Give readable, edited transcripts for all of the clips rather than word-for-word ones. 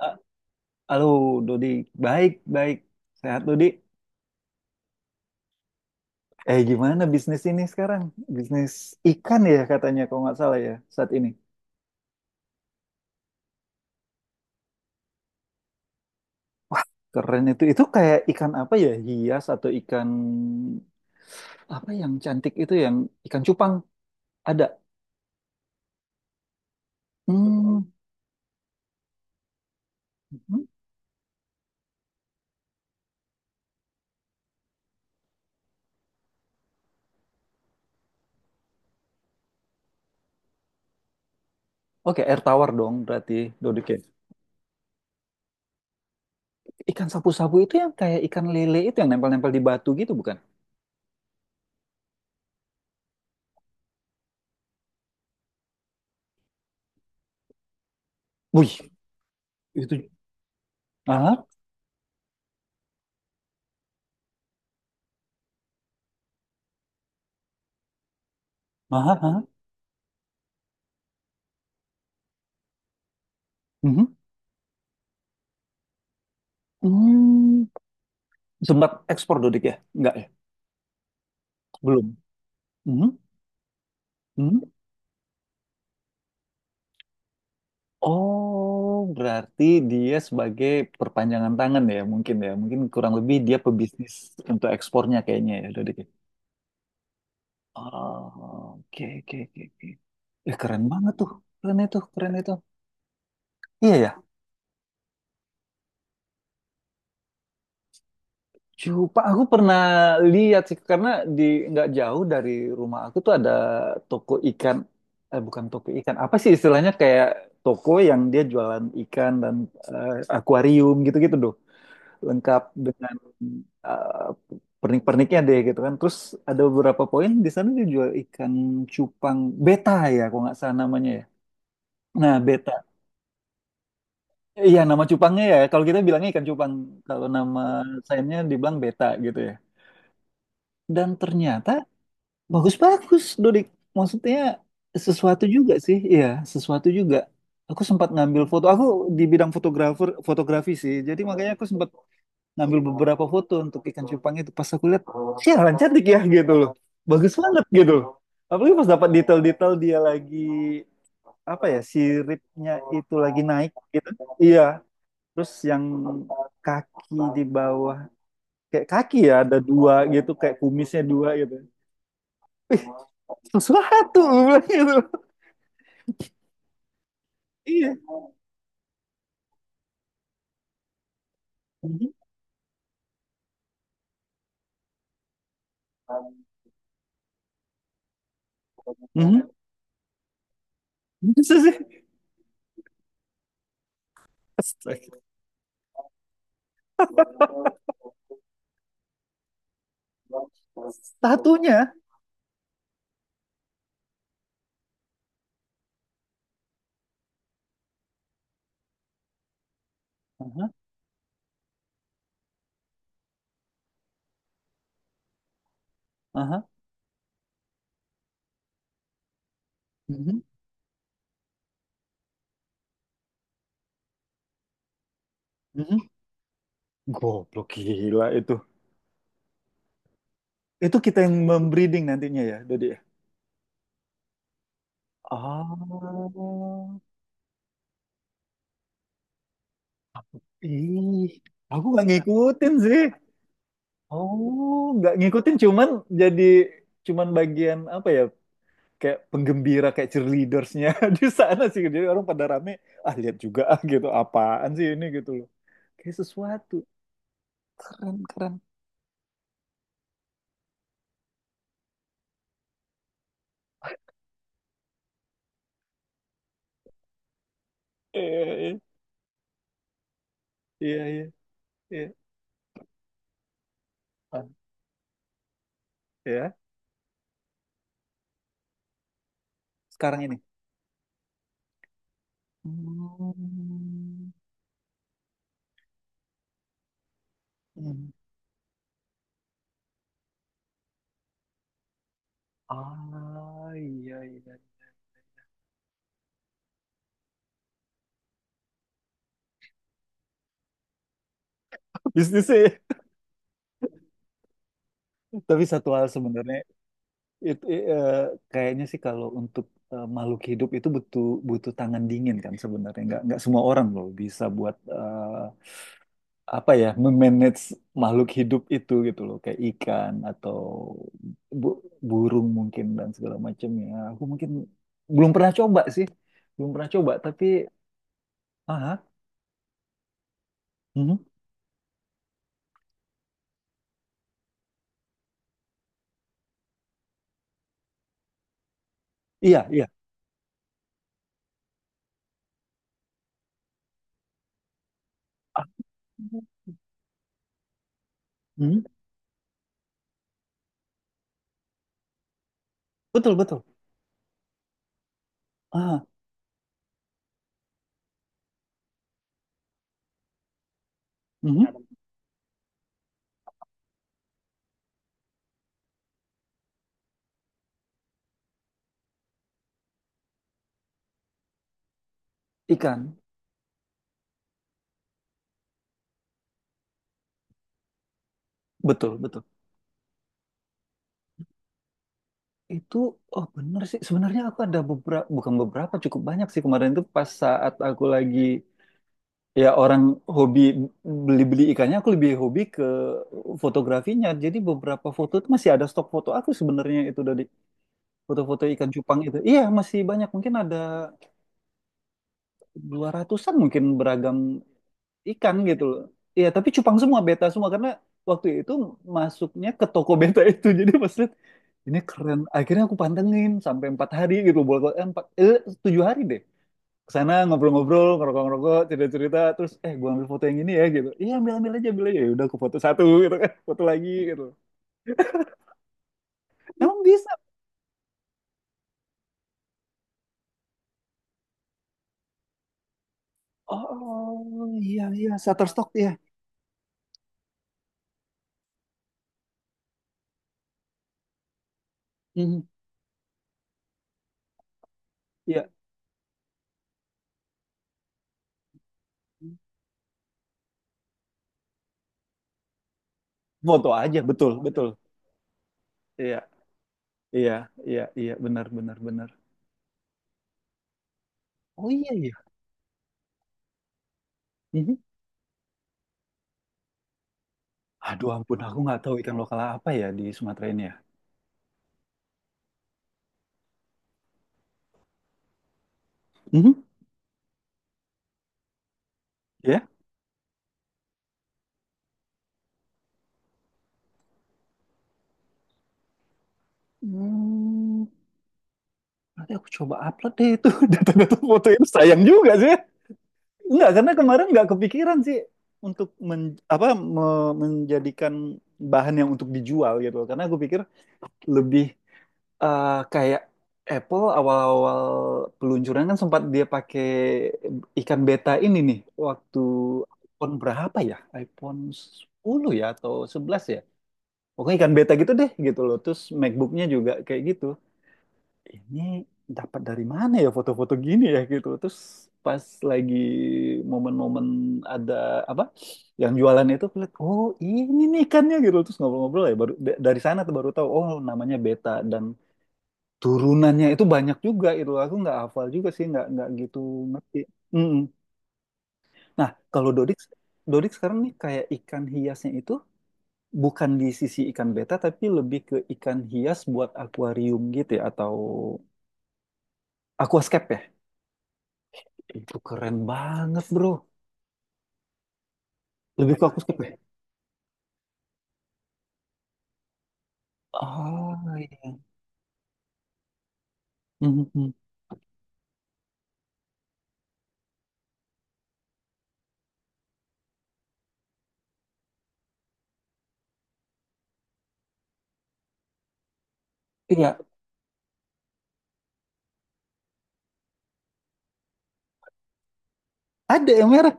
Ah, Halo, Dodi. Baik, baik. Sehat, Dodi. Gimana bisnis ini sekarang? Bisnis ikan ya katanya, kalau nggak salah ya, saat ini. Keren itu. Itu kayak ikan apa ya? Hias atau ikan... Apa yang cantik itu yang ikan cupang? Ada. Hmm. hmm. Oke, air tawar dong berarti, Dodi. Oke. Ikan sapu-sapu itu yang kayak ikan lele itu yang nempel-nempel di batu gitu, bukan? Wih, itu. Ah, ah, ah. Mhm. Hmm. Sempat ekspor, Dodik ya? Enggak ya? Belum. Mhm, mhm. Oh, berarti dia sebagai perpanjangan tangan ya. Mungkin kurang lebih dia pebisnis untuk ekspornya kayaknya ya, Dodik. Ya? Oh, oke, oke, oke, oke. Keren banget tuh. Keren itu, keren itu. Iya ya. Aku pernah lihat sih karena di nggak jauh dari rumah aku tuh ada toko ikan. Eh, bukan toko ikan. Apa sih istilahnya kayak toko yang dia jualan ikan dan akuarium gitu-gitu, doh. Lengkap dengan pernik-perniknya deh gitu kan. Terus ada beberapa poin di sana dia jual ikan cupang beta ya, kalau nggak salah namanya ya. Nah, beta. Iya, nama cupangnya ya. Kalau kita bilangnya ikan cupang, kalau nama sayapnya dibilang beta gitu ya. Dan ternyata bagus-bagus, Dodik. Maksudnya sesuatu juga sih, iya, sesuatu juga. Aku sempat ngambil foto. Aku di bidang fotografer, fotografi sih. Jadi makanya aku sempat ngambil beberapa foto untuk ikan cupang itu pas aku lihat sialan cantik ya gitu loh bagus banget gitu loh. Apalagi pas dapat detail-detail dia lagi apa ya siripnya itu lagi naik gitu iya terus yang kaki di bawah kayak kaki ya ada dua gitu kayak kumisnya dua gitu. Ih, sesuatu gue bilang gitu iya. Mhm. Mhm. Bisa sih. Astaga. Satunya. Aha, aha. Mhm, mhm. Goblok gila itu. Itu kita yang membreeding nantinya ya, Dodi. Ya? Ah, ih, aku nggak ngikutin sih. Oh, nggak ngikutin, cuman jadi cuman bagian apa ya? Kayak penggembira, kayak cheerleadersnya di sana sih. Jadi orang pada rame, ah lihat juga ah gitu, apaan sih ini gitu loh. Kayak sesuatu keren keren. Iya iya iya iya. iya. Ah, ya. Sekarang ini. Hmm. Ah, iya, iya. Bisnisnya. Ya. Tapi satu hal sebenarnya itu eh, kayaknya sih kalau untuk makhluk hidup itu butuh butuh tangan dingin kan sebenarnya nggak semua orang loh bisa buat apa ya memanage makhluk hidup itu gitu loh kayak ikan atau bu- burung mungkin dan segala macamnya. Aku mungkin belum pernah coba sih, belum pernah coba tapi ah, ah, mhm. Iya iya, ah, mhm. Betul betul, ah, mhm. Ikan, betul, betul. Itu, oh bener sih. Sebenarnya aku ada beberapa, bukan beberapa, cukup banyak sih kemarin itu pas saat aku lagi, ya orang hobi beli-beli ikannya, aku lebih hobi ke fotografinya. Jadi beberapa foto itu masih ada stok foto aku sebenarnya itu dari foto-foto ikan cupang itu. Iya, masih banyak. Mungkin ada 200-an mungkin beragam ikan gitu loh. Iya, tapi cupang semua beta semua karena waktu itu masuknya ke toko beta itu. Jadi pas lihat ini keren. Akhirnya aku pantengin sampai empat hari gitu bolak eh, empat eh, tujuh hari deh. Kesana ngobrol-ngobrol, ngerokok-ngerokok, cerita-cerita, terus gua ambil foto yang ini ya gitu. Iya ambil ambil aja, ambil aja. Ya udah aku foto satu gitu kan, foto lagi gitu. Emang bisa? Oh iya iya, Shutterstock ya. Mhm, Iya, foto aja, betul betul. Iya iya iya iya, benar benar benar. Oh iya iya. Mhm. Aduh ampun, aku nggak tahu ikan lokal apa ya di Sumatera ini ya. Mhm. Ya? Hmm, nanti aku coba upload deh itu data-data foto itu. Sayang juga sih. Enggak, karena kemarin nggak kepikiran sih untuk menjadikan bahan yang untuk dijual gitu. Karena aku pikir lebih kayak Apple awal-awal peluncuran kan sempat dia pakai ikan beta ini nih waktu iPhone berapa ya? iPhone sepuluh ya atau 11 ya? Pokoknya ikan beta gitu deh gitu loh terus MacBooknya juga kayak gitu ini dapat dari mana ya foto-foto gini ya gitu terus pas lagi momen-momen ada apa yang jualan itu aku lihat oh ini nih ikannya gitu terus ngobrol-ngobrol ya baru dari sana tuh baru tahu oh namanya beta dan turunannya itu banyak juga itu aku nggak hafal juga sih nggak gitu ngerti. Mm-mm. Nah kalau Dodik Dodik sekarang nih kayak ikan hiasnya itu bukan di sisi ikan beta tapi lebih ke ikan hias buat akuarium gitu ya atau aquascape ya itu keren banget bro. Lebih ke aquascape ya oh iya. Mhm. Iya ada yang merah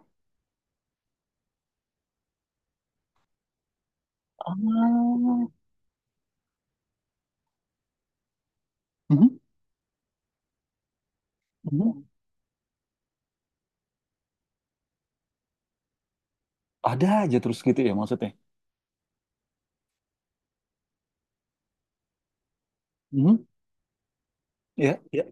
ah. Mhm. Mhm. Ada aja terus gitu ya maksudnya. Mhm. Ya ya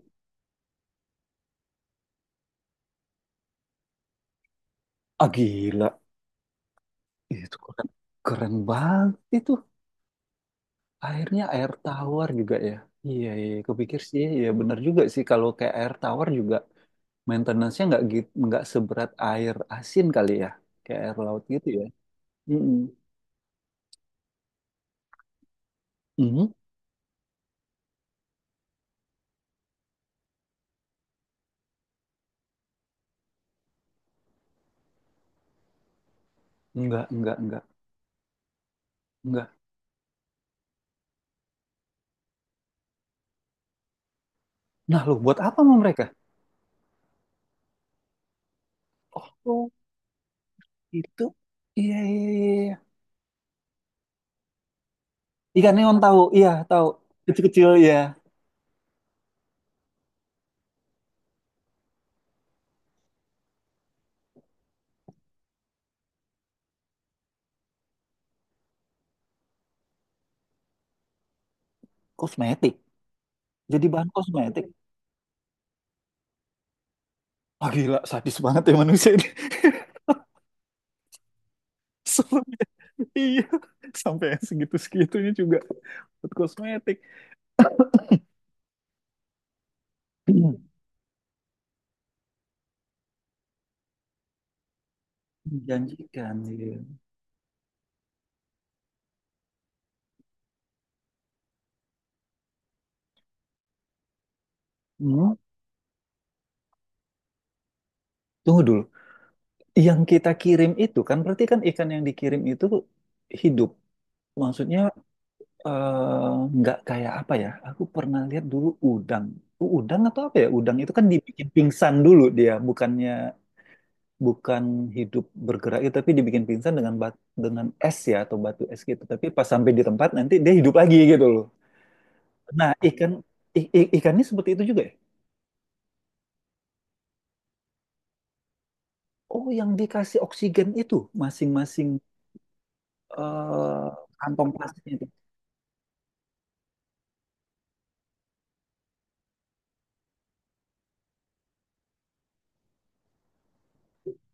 ah gila itu keren keren banget itu airnya air tawar juga ya iya iya iya. Kepikir sih ya bener juga sih kalau kayak air tawar juga maintenance-nya nggak gitu, nggak seberat air asin kali ya, kayak air laut gitu ya. Mm-mm. Mhm. Nggak, nggak. Nah, lu buat apa sama mereka? Oh, itu. Iya, iya, iya. iya. Ikan neon tahu, iya tahu. Kecil-kecil ya, kosmetik. Jadi bahan kosmetik. Ah, gila, sadis banget ya manusia ini. Serem ya. Iya, sampai yang segitu-segitunya juga buat kosmetik. Menjanjikan, iya. Hmm, Tunggu dulu. Yang kita kirim itu kan berarti kan ikan yang dikirim itu hidup. Maksudnya eh, nggak kayak apa ya? Aku pernah lihat dulu udang. Udang atau apa ya? Udang itu kan dibikin pingsan dulu dia, bukannya bukan hidup bergerak itu, tapi dibikin pingsan dengan es ya atau batu es gitu. Tapi pas sampai di tempat nanti dia hidup lagi gitu loh. Nah, ikan ikannya seperti itu juga ya? Oh, yang dikasih oksigen itu masing-masing eh, kantong plastiknya itu.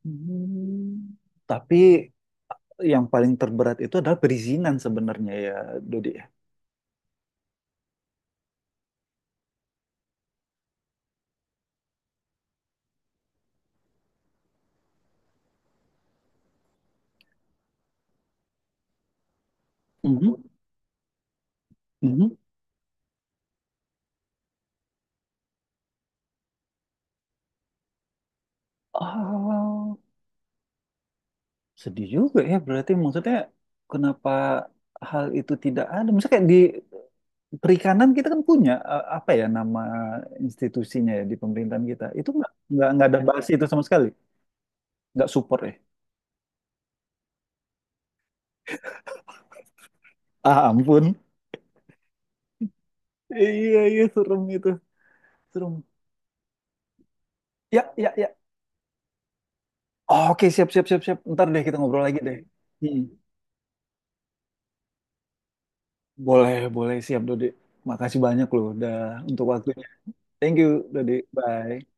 Hmm. Tapi yang paling terberat itu adalah perizinan sebenarnya ya, Dodi. Ya. Mhm, mhm. Oh, sedih juga ya. Berarti maksudnya kenapa hal itu tidak ada? Misalnya kayak di perikanan kita kan punya apa ya nama institusinya ya di pemerintahan kita. Itu nggak ada bahas itu sama sekali. Nggak support ya. Ah ampun. Iya iya serem itu. Serem. Ya ya ya. Oke siap siap siap siap. Ntar deh kita ngobrol lagi deh. Hmm. Boleh, boleh siap Dodi. Makasih banyak loh udah untuk waktunya. Thank you Dodi. Bye.